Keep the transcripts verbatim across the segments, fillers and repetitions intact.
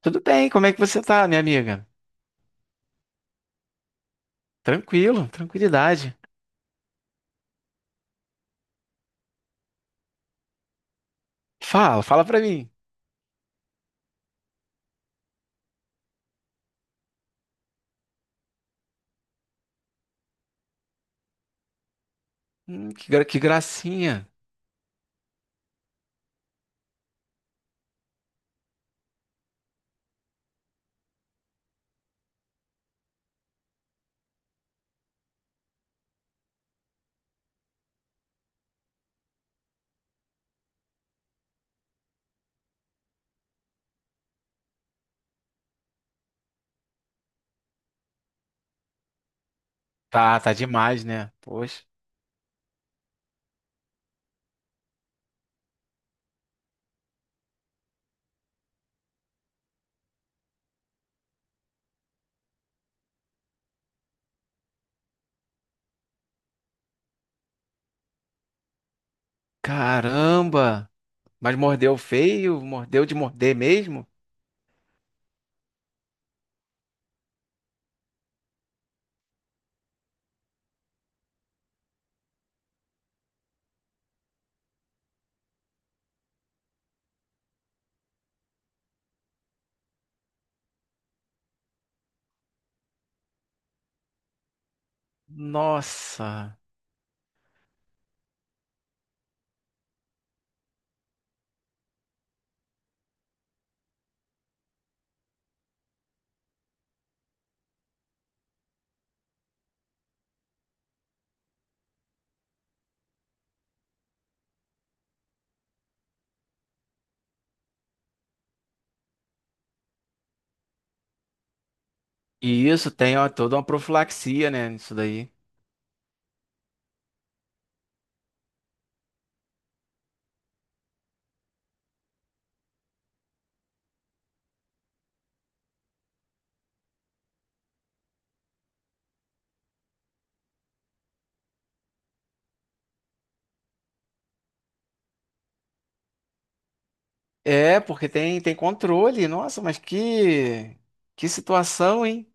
Tudo bem, como é que você tá, minha amiga? Tranquilo, tranquilidade. Fala, fala pra mim. Hum, que, gra- que gracinha. Tá, tá demais, né? Poxa. Caramba! Mas mordeu feio? Mordeu de morder mesmo? Nossa! E isso tem ó, toda uma profilaxia, né? Isso daí. É, porque tem, tem controle. Nossa, mas que, que situação, hein?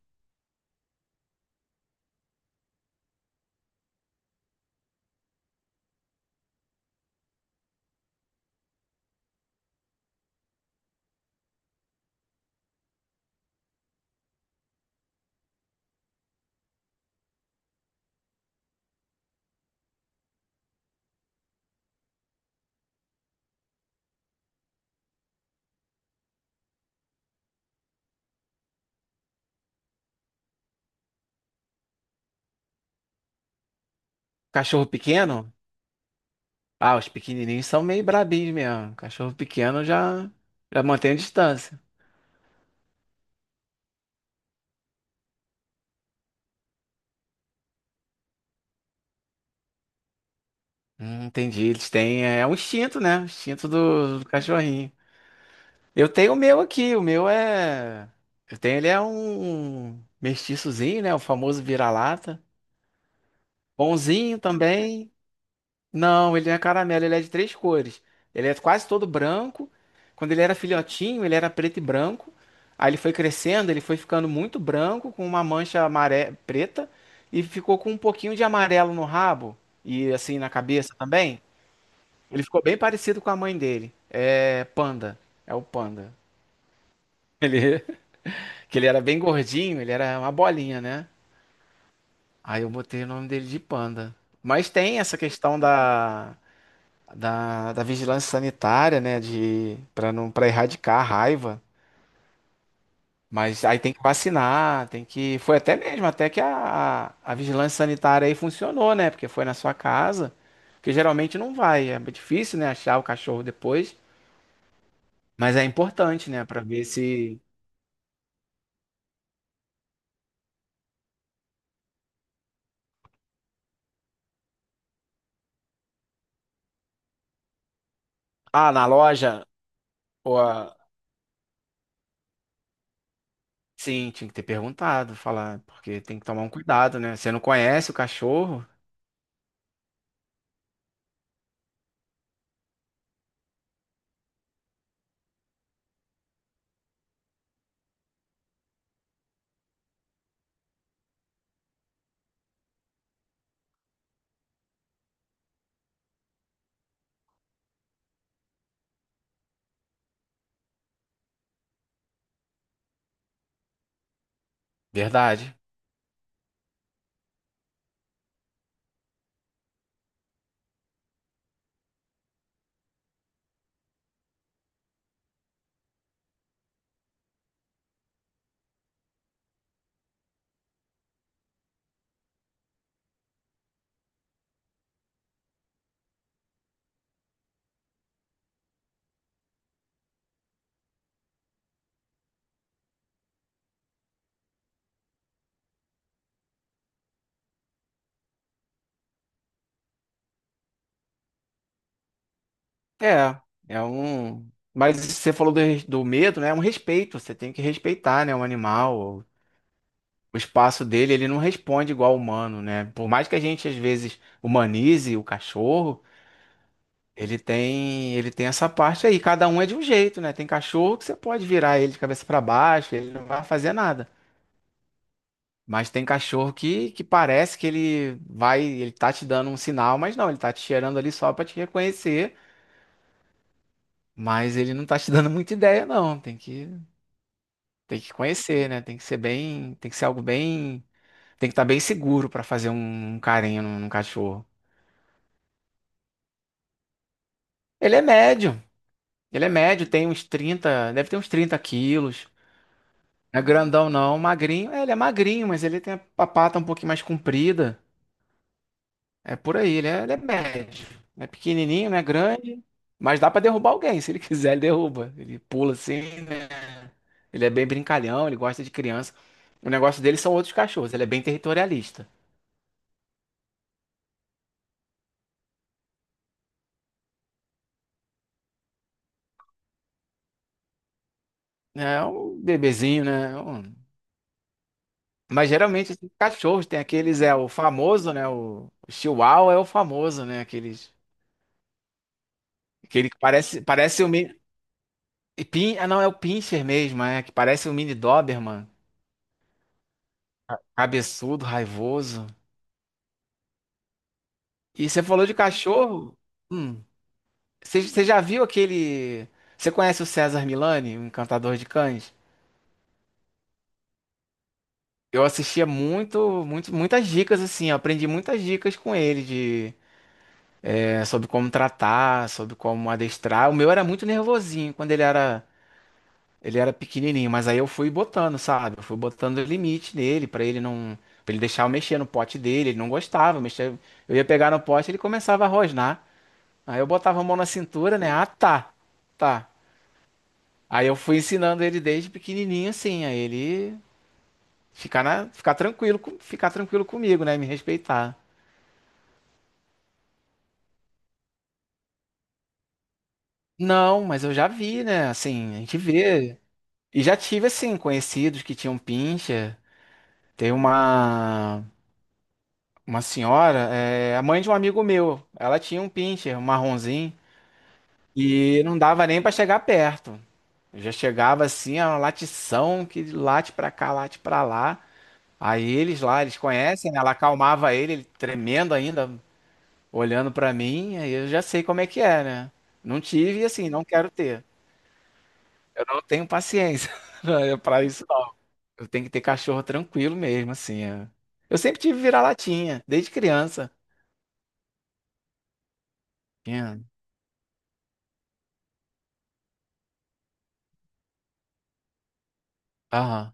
Cachorro pequeno? Ah, os pequenininhos são meio brabinhos mesmo. Cachorro pequeno já, já mantém a distância. Hum, entendi. Eles têm. É é um instinto, né? O instinto do, do cachorrinho. Eu tenho o meu aqui. O meu é. Eu tenho, ele é um mestiçozinho, né? O famoso vira-lata. Bonzinho também. Não, ele não é caramelo, ele é de três cores. Ele é quase todo branco. Quando ele era filhotinho, ele era preto e branco. Aí ele foi crescendo, ele foi ficando muito branco, com uma mancha amare... preta. E ficou com um pouquinho de amarelo no rabo. E assim na cabeça também. Ele ficou bem parecido com a mãe dele. É Panda. É o Panda. Ele, que ele era bem gordinho, ele era uma bolinha, né? Aí eu botei o nome dele de Panda. Mas tem essa questão da, da, da vigilância sanitária, né? De, para não, para erradicar a raiva. Mas aí tem que vacinar, tem que. Foi até mesmo, até que a, a vigilância sanitária aí funcionou, né? Porque foi na sua casa. Porque geralmente não vai. É difícil, né? Achar o cachorro depois. Mas é importante, né? Para ver se. Ah, na loja? Ou a- Sim, tinha que ter perguntado, falar, porque tem que tomar um cuidado, né? Você não conhece o cachorro? Verdade. É, é um. Mas você falou do, res- do medo, né? É um respeito, você tem que respeitar, né? O animal, o espaço dele, ele não responde igual ao humano, né? Por mais que a gente, às vezes, humanize o cachorro, ele tem, ele tem essa parte aí. Cada um é de um jeito, né? Tem cachorro que você pode virar ele de cabeça para baixo, ele não vai fazer nada. Mas tem cachorro que, que parece que ele vai, ele tá te dando um sinal, mas não, ele tá te cheirando ali só pra te reconhecer, mas ele não tá te dando muita ideia, não. Tem que, tem que conhecer, né? Tem que ser bem, tem que ser algo bem, tem que estar bem seguro pra fazer um, um carinho num, num cachorro. Ele é médio, ele é médio, tem uns trinta deve ter uns trinta quilos. Não é grandão não, magrinho, é, ele é magrinho, mas ele tem a pata um pouquinho mais comprida. É por aí, ele é, ele é médio. Não é pequenininho, não é grande, mas dá pra derrubar alguém. Se ele quiser, ele derruba. Ele pula assim, né? Ele é bem brincalhão, ele gosta de criança. O negócio dele são outros cachorros, ele é bem territorialista. É um bebezinho, né? É Um- Mas geralmente esses cachorros tem aqueles, é o famoso, né? O, o Chihuahua é o famoso, né? Aqueles, aquele que parece, parece um mini. E Pin, ah, não, é o Pinscher mesmo, é, que parece um mini Doberman. Cabeçudo, raivoso. E você falou de cachorro? Hum. Você você já viu aquele. Você conhece o César Milani, o encantador de cães? Eu assistia muito, muito, muitas dicas assim, eu aprendi muitas dicas com ele de é, sobre como tratar, sobre como adestrar. O meu era muito nervosinho quando ele era ele era pequenininho, mas aí eu fui botando, sabe? Eu fui botando limite nele pra ele não pra ele deixar eu mexer no pote dele, ele não gostava, eu mexia, eu ia pegar no pote, ele começava a rosnar. Aí eu botava a mão na cintura, né? Ah, tá. Tá. Aí eu fui ensinando ele desde pequenininho, assim, a ele ficar na, ficar tranquilo, com- ficar tranquilo comigo, né, me respeitar. Não, mas eu já vi, né, assim, a gente vê. E já tive, assim, conhecidos que tinham pincha. Tem uma, uma senhora, é, a mãe de um amigo meu, ela tinha um pincher, um marronzinho, e não dava nem pra chegar perto. Eu já chegava, assim, a uma latição que late pra cá, late pra lá. Aí eles lá, eles conhecem, né? Ela acalmava ele, ele tremendo ainda, olhando pra mim, aí eu já sei como é que é, né. Não tive e, assim, não quero ter. Eu não tenho paciência pra isso não. Eu tenho que ter cachorro tranquilo mesmo, assim, é. Eu sempre tive vira-latinha, desde criança. Tinha. Aham,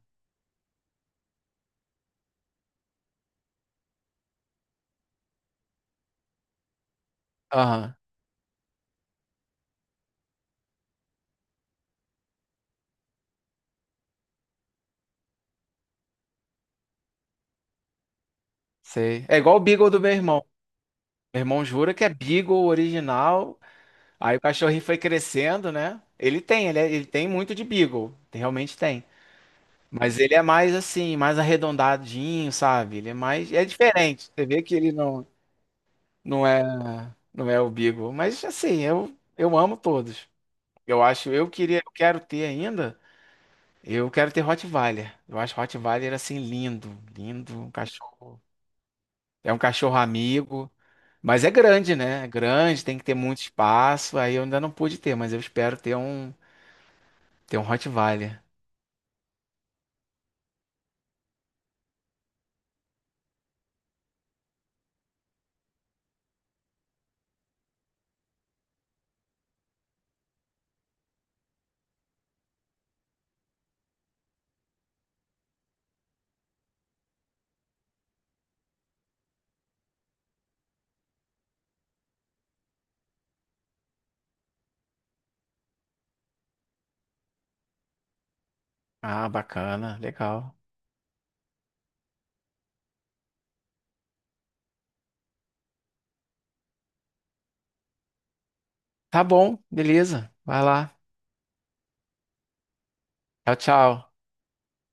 aham, sei. É igual o Beagle do meu irmão. Meu irmão jura que é Beagle original, aí o cachorrinho foi crescendo, né. Ele tem, ele é ele tem muito de Beagle, realmente tem. Mas ele é mais, assim, mais arredondadinho, sabe, ele é mais é diferente, você vê que ele não. Não é, não é o Beagle, mas assim, eu, eu amo todos. Eu acho, eu queria, eu quero ter ainda, eu quero ter Rottweiler. Eu acho Rottweiler assim lindo, lindo, um cachorro. É um cachorro amigo, mas é grande, né? É grande, tem que ter muito espaço. Aí eu ainda não pude ter, mas eu espero ter um, ter um Rottweiler. Ah, bacana, legal. Tá bom, beleza. Vai lá. Tchau, tchau.